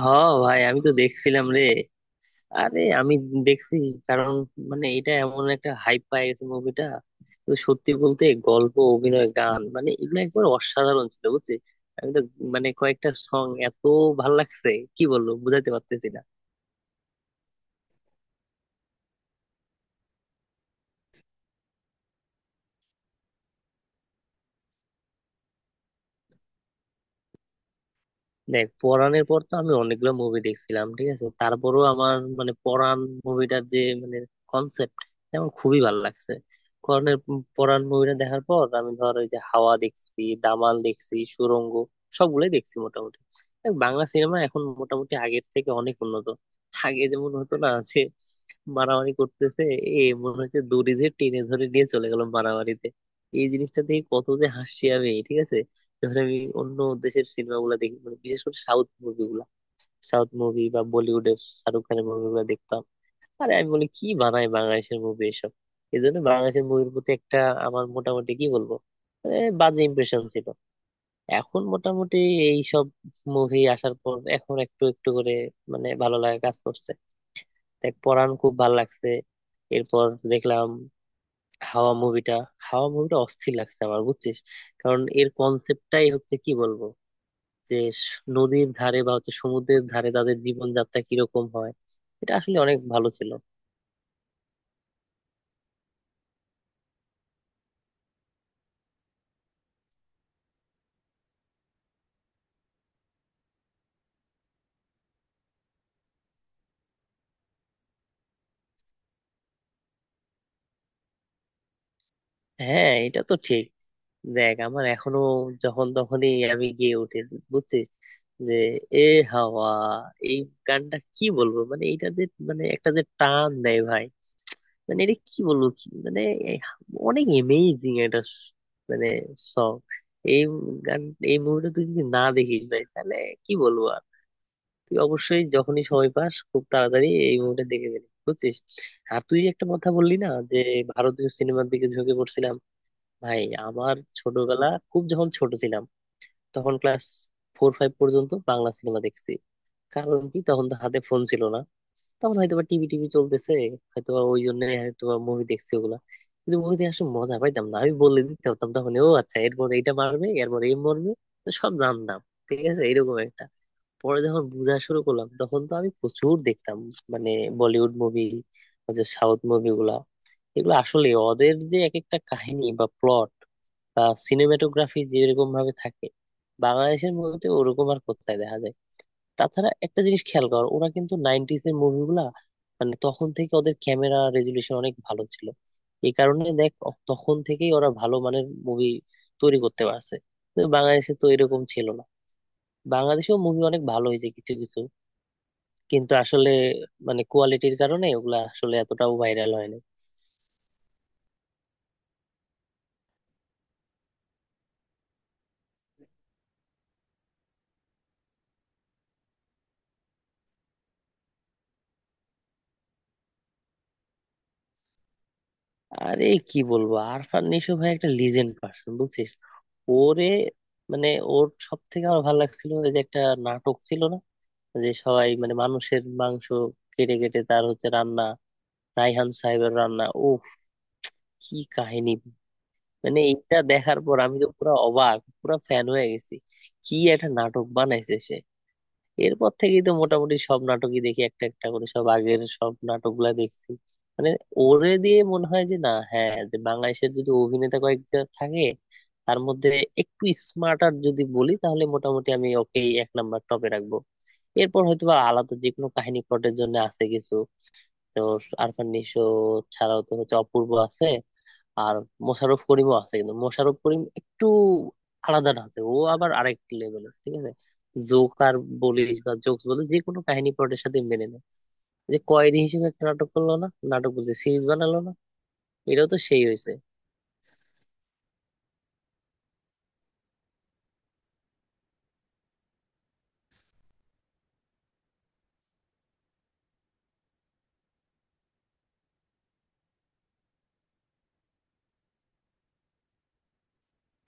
হ, ভাই আমি তো দেখছিলাম রে। আরে আমি দেখছি কারণ মানে এটা এমন একটা হাইপ পায় গেছে মুভিটা। তো সত্যি বলতে গল্প, অভিনয়, গান মানে এগুলো একবার অসাধারণ ছিল বুঝছিস। আমি তো মানে কয়েকটা সং এত ভাল লাগছে, কি বলবো, বুঝাইতে পারতেছি না। দেখ, পরাণের পর তো আমি অনেকগুলো মুভি দেখছিলাম, ঠিক আছে, তারপরও আমার মানে পরাণ মুভিটার যে মানে কনসেপ্ট আমার খুবই ভালো লাগছে। পরাণের, পরাণ মুভিটা দেখার পর আমি ধর ওই যে হাওয়া দেখছি, দামাল দেখছি, সুড়ঙ্গ সবগুলোই দেখছি মোটামুটি। দেখ, বাংলা সিনেমা এখন মোটামুটি আগের থেকে অনেক উন্নত। আগে যেমন হতো না যে মারামারি করতেছে, এ মনে হচ্ছে দড়ি দিয়ে টেনে ধরে নিয়ে চলে গেল মারামারিতে। এই জিনিসটা দেখে কত যে হাসি আমি, ঠিক আছে। ধরেন আমি অন্য দেশের সিনেমা গুলা দেখি মানে বিশেষ করে সাউথ মুভি গুলা, সাউথ মুভি বা বলিউডের শাহরুখ খানের মুভি গুলা দেখতাম। আরে আমি বলি কি বানায় বাংলাদেশের মুভি এসব! এই জন্য বাংলাদেশের মুভির প্রতি একটা আমার মোটামুটি কি বলবো, বাজে ইমপ্রেশন ছিল। এখন মোটামুটি এই সব মুভি আসার পর এখন একটু একটু করে মানে ভালো লাগা কাজ করছে। দেখ, পরান খুব ভালো লাগছে। এরপর দেখলাম হাওয়া মুভিটা। হাওয়া মুভিটা অস্থির লাগছে আমার বুঝছিস। কারণ এর কনসেপ্টটাই হচ্ছে, কি বলবো, যে নদীর ধারে বা হচ্ছে সমুদ্রের ধারে তাদের জীবনযাত্রা কিরকম হয়, এটা আসলে অনেক ভালো ছিল। হ্যাঁ, এটা তো ঠিক। দেখ আমার এখনো যখন তখনই আমি গিয়ে উঠি বুঝছিস, যে এ হাওয়া এই গানটা, কি বলবো, মানে এটা যে মানে একটা যে টান দেয় ভাই। মানে এটা কি বলবো, কি মানে, এই অনেক এমেজিং একটা মানে সং, এই গান। এই মুভিটা তুই যদি না দেখিস ভাই তাহলে কি বলবো, তুই অবশ্যই যখনই সময় পাস খুব তাড়াতাড়ি এই মুভিটা দেখে ফেলি বুঝছিস। আর তুই একটা কথা বললি না যে ভারতীয় সিনেমার দিকে ঝুঁকে পড়ছিলাম ভাই। আমার ছোটবেলা, খুব যখন ছোট ছিলাম তখন ক্লাস ফোর ফাইভ পর্যন্ত বাংলা সিনেমা দেখছি। কারণ কি তখন তো হাতে ফোন ছিল না। তখন হয়তো বা টিভি টিভি চলতেছে, হয়তো বা ওই জন্য হয়তো মুভি দেখছি ওগুলা। কিন্তু মুভিতে আসলে মজা পাইতাম না, আমি বলে দিতে হতাম তখন, ও আচ্ছা এরপর এইটা মারবে এরপর এই মরবে, তো সব জানতাম, ঠিক আছে, এরকম একটা। পরে যখন বোঝা শুরু করলাম তখন তো আমি প্রচুর দেখতাম মানে বলিউড মুভি, সাউথ মুভিগুলা। এগুলো আসলে ওদের যে এক একটা কাহিনী বা প্লট বা সিনেমাটোগ্রাফি যেরকম ভাবে থাকে, বাংলাদেশের মুভিতে ওরকম আর কোথায় দেখা যায়। তাছাড়া একটা জিনিস খেয়াল কর, ওরা কিন্তু নাইনটিস এর মুভিগুলা মানে তখন থেকে ওদের ক্যামেরা রেজুলেশন অনেক ভালো ছিল। এই কারণে দেখ, তখন থেকেই ওরা ভালো মানের মুভি তৈরি করতে পারছে। কিন্তু বাংলাদেশে তো এরকম ছিল না। বাংলাদেশেও মুভি অনেক ভালো হয়েছে কিছু কিছু, কিন্তু আসলে মানে কোয়ালিটির কারণে ওগুলা আসলে এতটাও ভাইরাল হয় না। আরে কি বলবো, আরফান নিশো ভাই একটা লিজেন্ড পার্সন বুঝছিস। ওরে মানে ওর সব থেকে আমার ভালো লাগছিল ওই যে একটা নাটক ছিল না, যে সবাই মানে মানুষের মাংস কেটে কেটে তার হচ্ছে রান্না, রায়হান সাহেবের রান্না ও কি কাহিনী! মানে এটা দেখার পর আমি তো পুরো অবাক, পুরো ফ্যান হয়ে গেছি। কি একটা নাটক বানাইছে সে! এরপর থেকেই তো মোটামুটি সব নাটকই দেখি, একটা একটা করে সব আগের সব নাটকগুলা দেখছি। মানে ওরে দিয়ে মনে হয় যে না, হ্যাঁ, যে বাংলাদেশের যদি অভিনেতা কয়েকজন থাকে তার মধ্যে একটু স্মার্টার যদি বলি তাহলে মোটামুটি আমি ওকে এক নাম্বার টপে রাখবো। এরপর হয়তো বা আলাদা যে কোনো কাহিনী প্লটের জন্য আছে কিছু। তো আরফান নিশো ছাড়াও তো হচ্ছে অপূর্ব আছে, আর মোশাররফ করিমও আছে। কিন্তু মোশাররফ করিম একটু আলাদা না, আছে ও আবার আরেক লেভেলের, ঠিক আছে। জোক আর বলিস বা জোকস বলিস, যে কোনো কাহিনী প্লটের সাথে মেনে নেয়। যে কয়েদি হিসেবে একটা নাটক করলো না, নাটক বলতে সিরিজ বানালো না, এটাও তো সেই হয়েছে।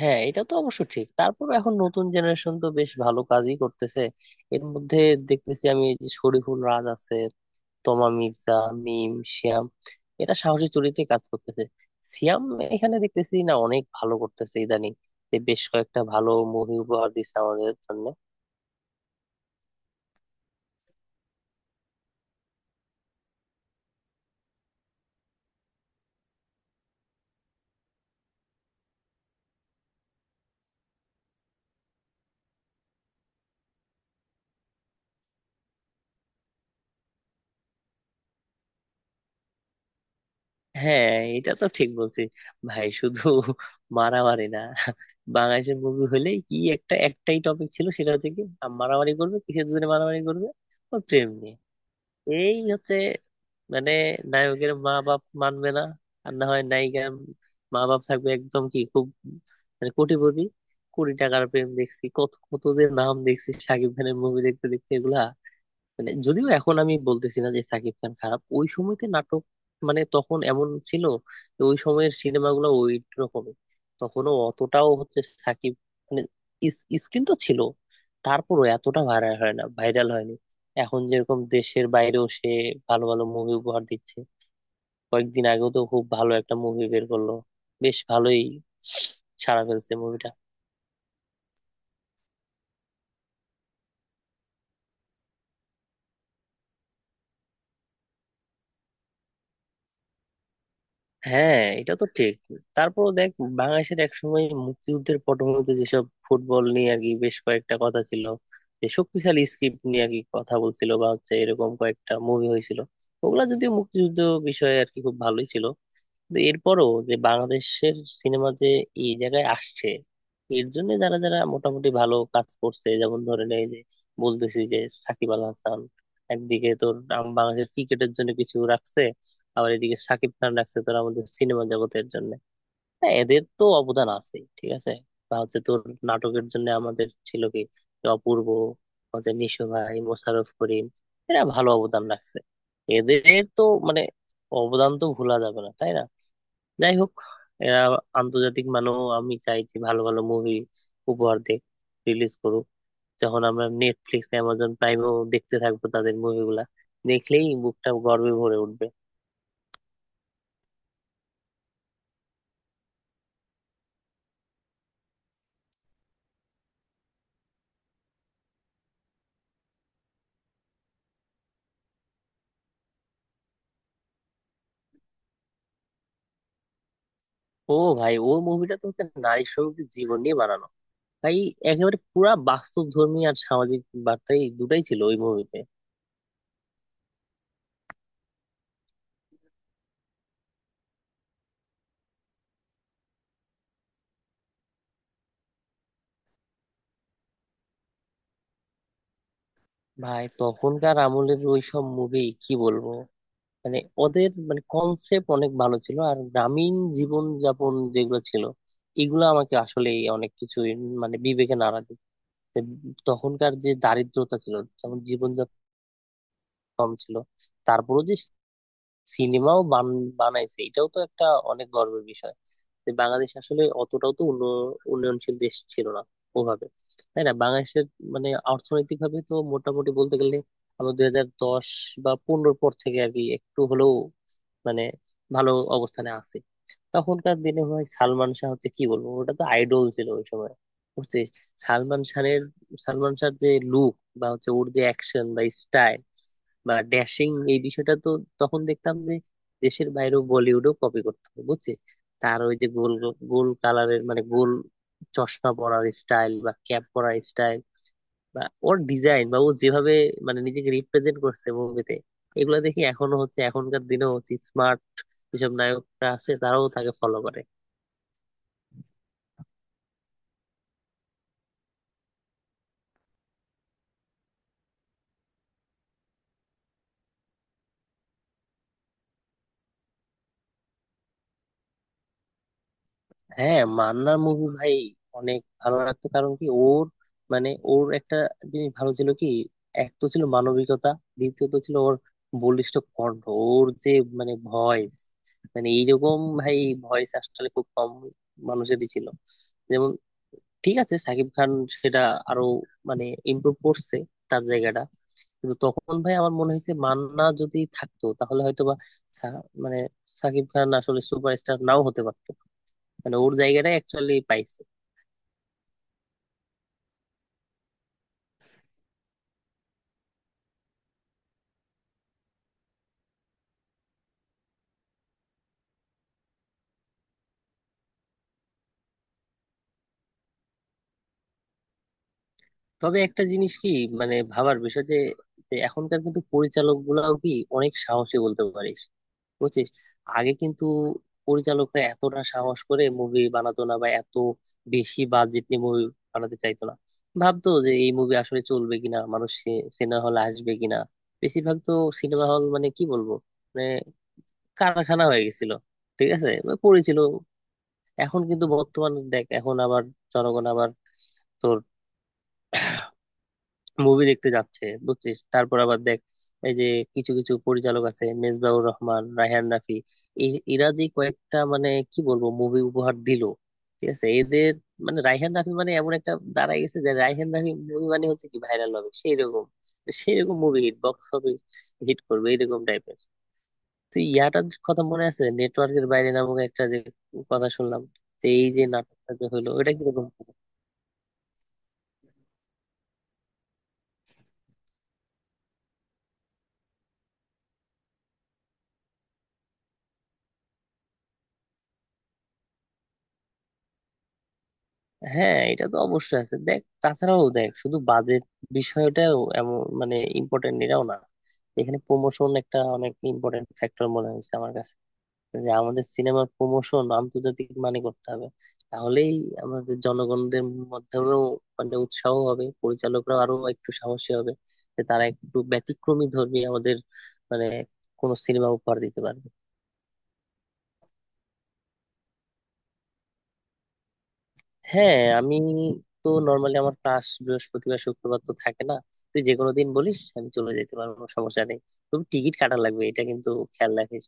হ্যাঁ এটা তো অবশ্য ঠিক। তারপর এখন নতুন জেনারেশন তো বেশ ভালো কাজই করতেছে। এর মধ্যে দেখতেছি আমি এই যে শরীফুল রাজ আছে, তোমা মির্জা, মিম, শিয়াম, এরা সাহসী চরিত্রে কাজ করতেছে। সিয়াম এখানে দেখতেছি না অনেক ভালো করতেছে ইদানিং, যে বেশ কয়েকটা ভালো মুভি উপহার দিচ্ছে আমাদের জন্য। হ্যাঁ এটা তো ঠিক বলছি। ভাই শুধু মারামারি না, বাংলাদেশের মুভি হলেই কি একটা একটাই টপিক ছিল সেটা হচ্ছে কি, মারামারি করবে। কিসের জন্য মারামারি করবে? ও প্রেম নিয়ে। এই হচ্ছে মানে নায়কের মা বাপ মানবে না, আর না হয় নায়িকার মা বাপ থাকবে একদম কি, খুব মানে কোটিপতি। কোটি টাকার প্রেম দেখছি কত কত, যে নাম দেখছি সাকিব খানের মুভি দেখতে দেখতে এগুলা। মানে যদিও এখন আমি বলতেছি না যে সাকিব খান খারাপ, ওই সময়তে নাটক মানে তখন এমন ছিল যে ওই সময়ের সিনেমাগুলো ওই রকমই। তখনও অতটাও হচ্ছে সাকিব মানে স্কিল তো ছিল, তারপরও এতটা ভাইরাল হয় না, ভাইরাল হয়নি। এখন যেরকম দেশের বাইরেও সে ভালো ভালো মুভি উপহার দিচ্ছে। কয়েকদিন আগেও তো খুব ভালো একটা মুভি বের করলো, বেশ ভালোই সাড়া ফেলছে মুভিটা। হ্যাঁ এটা তো ঠিক। তারপর দেখ, বাংলাদেশের একসময় মুক্তিযুদ্ধের পটভূমিতে যেসব ফুটবল নিয়ে আর কি বেশ কয়েকটা কথা ছিল, যে শক্তিশালী স্ক্রিপ্ট নিয়ে আর কি কথা বলছিল বা হচ্ছে এরকম কয়েকটা মুভি হয়েছিল। ওগুলা যদিও মুক্তিযুদ্ধ বিষয়ে আর কি খুব ভালোই ছিল। কিন্তু এরপরও যে বাংলাদেশের সিনেমা যে এই জায়গায় আসছে, এর জন্য যারা যারা মোটামুটি ভালো কাজ করছে, যেমন ধরে নেই যে বলতেছি যে সাকিব আল হাসান একদিকে তোর বাংলাদেশের ক্রিকেটের জন্য কিছু রাখছে, আবার এদিকে সাকিব খান রাখছে তোর আমাদের সিনেমা জগতের জন্য। হ্যাঁ, এদের তো অবদান আছে, ঠিক আছে। বা হচ্ছে তোর নাটকের জন্য আমাদের ছিল কি, যে অপূর্ব, আমাদের নিশো ভাই, মোশাররফ করিম, এরা ভালো অবদান রাখছে। এদের তো মানে অবদান তো ভোলা যাবে না, তাই না। যাই হোক, এরা আন্তর্জাতিক মানও আমি চাই যে ভালো ভালো মুভি উপহার দেয়, রিলিজ করুক। যখন আমরা নেটফ্লিক্স, অ্যামাজন প্রাইমেও দেখতে থাকবো তাদের মুভিগুলা দেখলেই বুকটা গর্বে ভরে উঠবে। ও ভাই, ও মুভিটা তো হচ্ছে নারী শ্রমিকদের জীবন নিয়ে বানানো ভাই। একেবারে পুরা বাস্তব ধর্মী আর সামাজিক বার্তাই, দুটাই ছিল ওই মুভিতে। ভাই তখনকার আমলের ওই সব মুভি কি বলবো, মানে ওদের মানে কনসেপ্ট অনেক ভালো ছিল আর গ্রামীণ জীবন যাপন যেগুলো ছিল এগুলো আমাকে আসলে অনেক কিছু মানে বিবেকে নাড়া দিত। তখনকার যে দারিদ্রতা ছিল, যেমন জীবনযাপন কম ছিল, তারপরেও যে সিনেমাও বান বানাইছে, এটাও তো একটা অনেক গর্বের বিষয়। যে বাংলাদেশ আসলে অতটাও তো উন্নয়নশীল দেশ ছিল না ওভাবে, তাই না। বাংলাদেশের মানে অর্থনৈতিক ভাবে তো মোটামুটি বলতে গেলে আমরা 2010 বা 15-র পর থেকে আর কি একটু হলেও মানে ভালো অবস্থানে আছে। তখনকার দিনে ভাই সালমান শাহ হচ্ছে কি বলবো, ওটা তো আইডল ছিল ওই সময় বুঝছিস। সালমান শাহের, সালমান শাহর যে লুক বা হচ্ছে ওর যে অ্যাকশন বা স্টাইল বা ড্যাশিং এই বিষয়টা তো, তখন দেখতাম যে দেশের বাইরেও বলিউডও কপি করতো বুঝছিস। তার ওই যে গোল, গোল কালারের মানে গোল চশমা পরার স্টাইল বা ক্যাপ পরার স্টাইল বা ওর ডিজাইন বা ও যেভাবে মানে নিজেকে রিপ্রেজেন্ট করছে মুভিতে, এগুলো দেখি এখনো হচ্ছে এখনকার দিনেও হচ্ছে স্মার্ট যেসব নায়করা আছে তারাও তাকে ফলো করে। হ্যাঁ মান্নার মুভি ভাই অনেক ভালো লাগতো, কারণ কি ওর মানে ওর একটা জিনিস ভালো ছিল কি, এক তো ছিল মানবিকতা, দ্বিতীয়ত ছিল ওর বলিষ্ঠ কণ্ঠ, ওর যে মানে ভয়েস মানে এইরকম ভাই ভয়েস আসলে খুব কম মানুষেরই ছিল। যেমন ঠিক আছে সাকিব খান সেটা আরো মানে ইমপ্রুভ করছে তার জায়গাটা, কিন্তু তখন ভাই আমার মনে হয়েছে মান্না যদি থাকতো তাহলে হয়তোবা মানে সাকিব খান আসলে সুপারস্টার নাও হতে পারতো, মানে ওর জায়গাটাই অ্যাকচুয়ালি পাইছে। তবে একটা জিনিস কি, মানে ভাবার বিষয় যে, যে এখনকার কিন্তু পরিচালক গুলাও কি অনেক সাহসী বলতে পারিস বুঝছিস। আগে কিন্তু পরিচালকরা এতটা সাহস করে মুভি বানাতো না বা এত বেশি বাজেট নিয়ে মুভি বানাতে চাইতো না। ভাবতো যে এই মুভি আসলে চলবে কিনা, মানুষ সিনেমা হল আসবে কিনা। বেশিরভাগ তো সিনেমা হল মানে কি বলবো মানে কারখানা হয়ে গেছিল, ঠিক আছে, মানে পড়েছিল। এখন কিন্তু বর্তমান দেখ, এখন আবার জনগণ আবার তোর মুভি দেখতে যাচ্ছে বুঝছিস। তারপর আবার দেখ এই যে কিছু কিছু পরিচালক আছে মেজবাহুর রহমান, রায়হান রাফি, এরা যে কয়েকটা মানে কি বলবো মুভি উপহার দিল, ঠিক আছে। এদের মানে রায়হান রাফি মানে এমন একটা দাঁড়ায় গেছে যে রায়হান রাফি মুভি মানে হচ্ছে কি, ভাইরাল হবে সেই রকম, সেই রকম মুভি হিট বক্স হবে, হিট করবে এরকম টাইপের। তো ইয়াটার কথা মনে আছে, নেটওয়ার্কের বাইরে নামক একটা যে কথা শুনলাম, তো এই যে নাটকটা যে হলো ওটা কিরকম? হ্যাঁ এটা তো অবশ্যই আছে। দেখ তাছাড়াও দেখ শুধু বাজেট বিষয়টাও এমন মানে ইম্পর্টেন্ট এটাও না। এখানে প্রমোশন একটা অনেক ইম্পর্টেন্ট ফ্যাক্টর মনে হয়েছে আমার কাছে, যে আমাদের সিনেমার প্রমোশন আন্তর্জাতিক মানে করতে হবে। তাহলেই আমাদের জনগণদের মধ্যেও মানে উৎসাহ হবে, পরিচালকরা আরো একটু সাহসী হবে, যে তারা একটু ব্যতিক্রমী ধর্মী আমাদের মানে কোনো সিনেমা উপহার দিতে পারবে। হ্যাঁ আমি তো নর্মালি আমার ক্লাস বৃহস্পতিবার শুক্রবার তো থাকে না। তুই যে কোনো দিন বলিস, আমি চলে যেতে পারবো, কোনো সমস্যা নেই। তবে টিকিট কাটা লাগবে এটা কিন্তু খেয়াল রাখিস।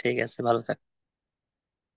ঠিক আছে, ভালো থাক।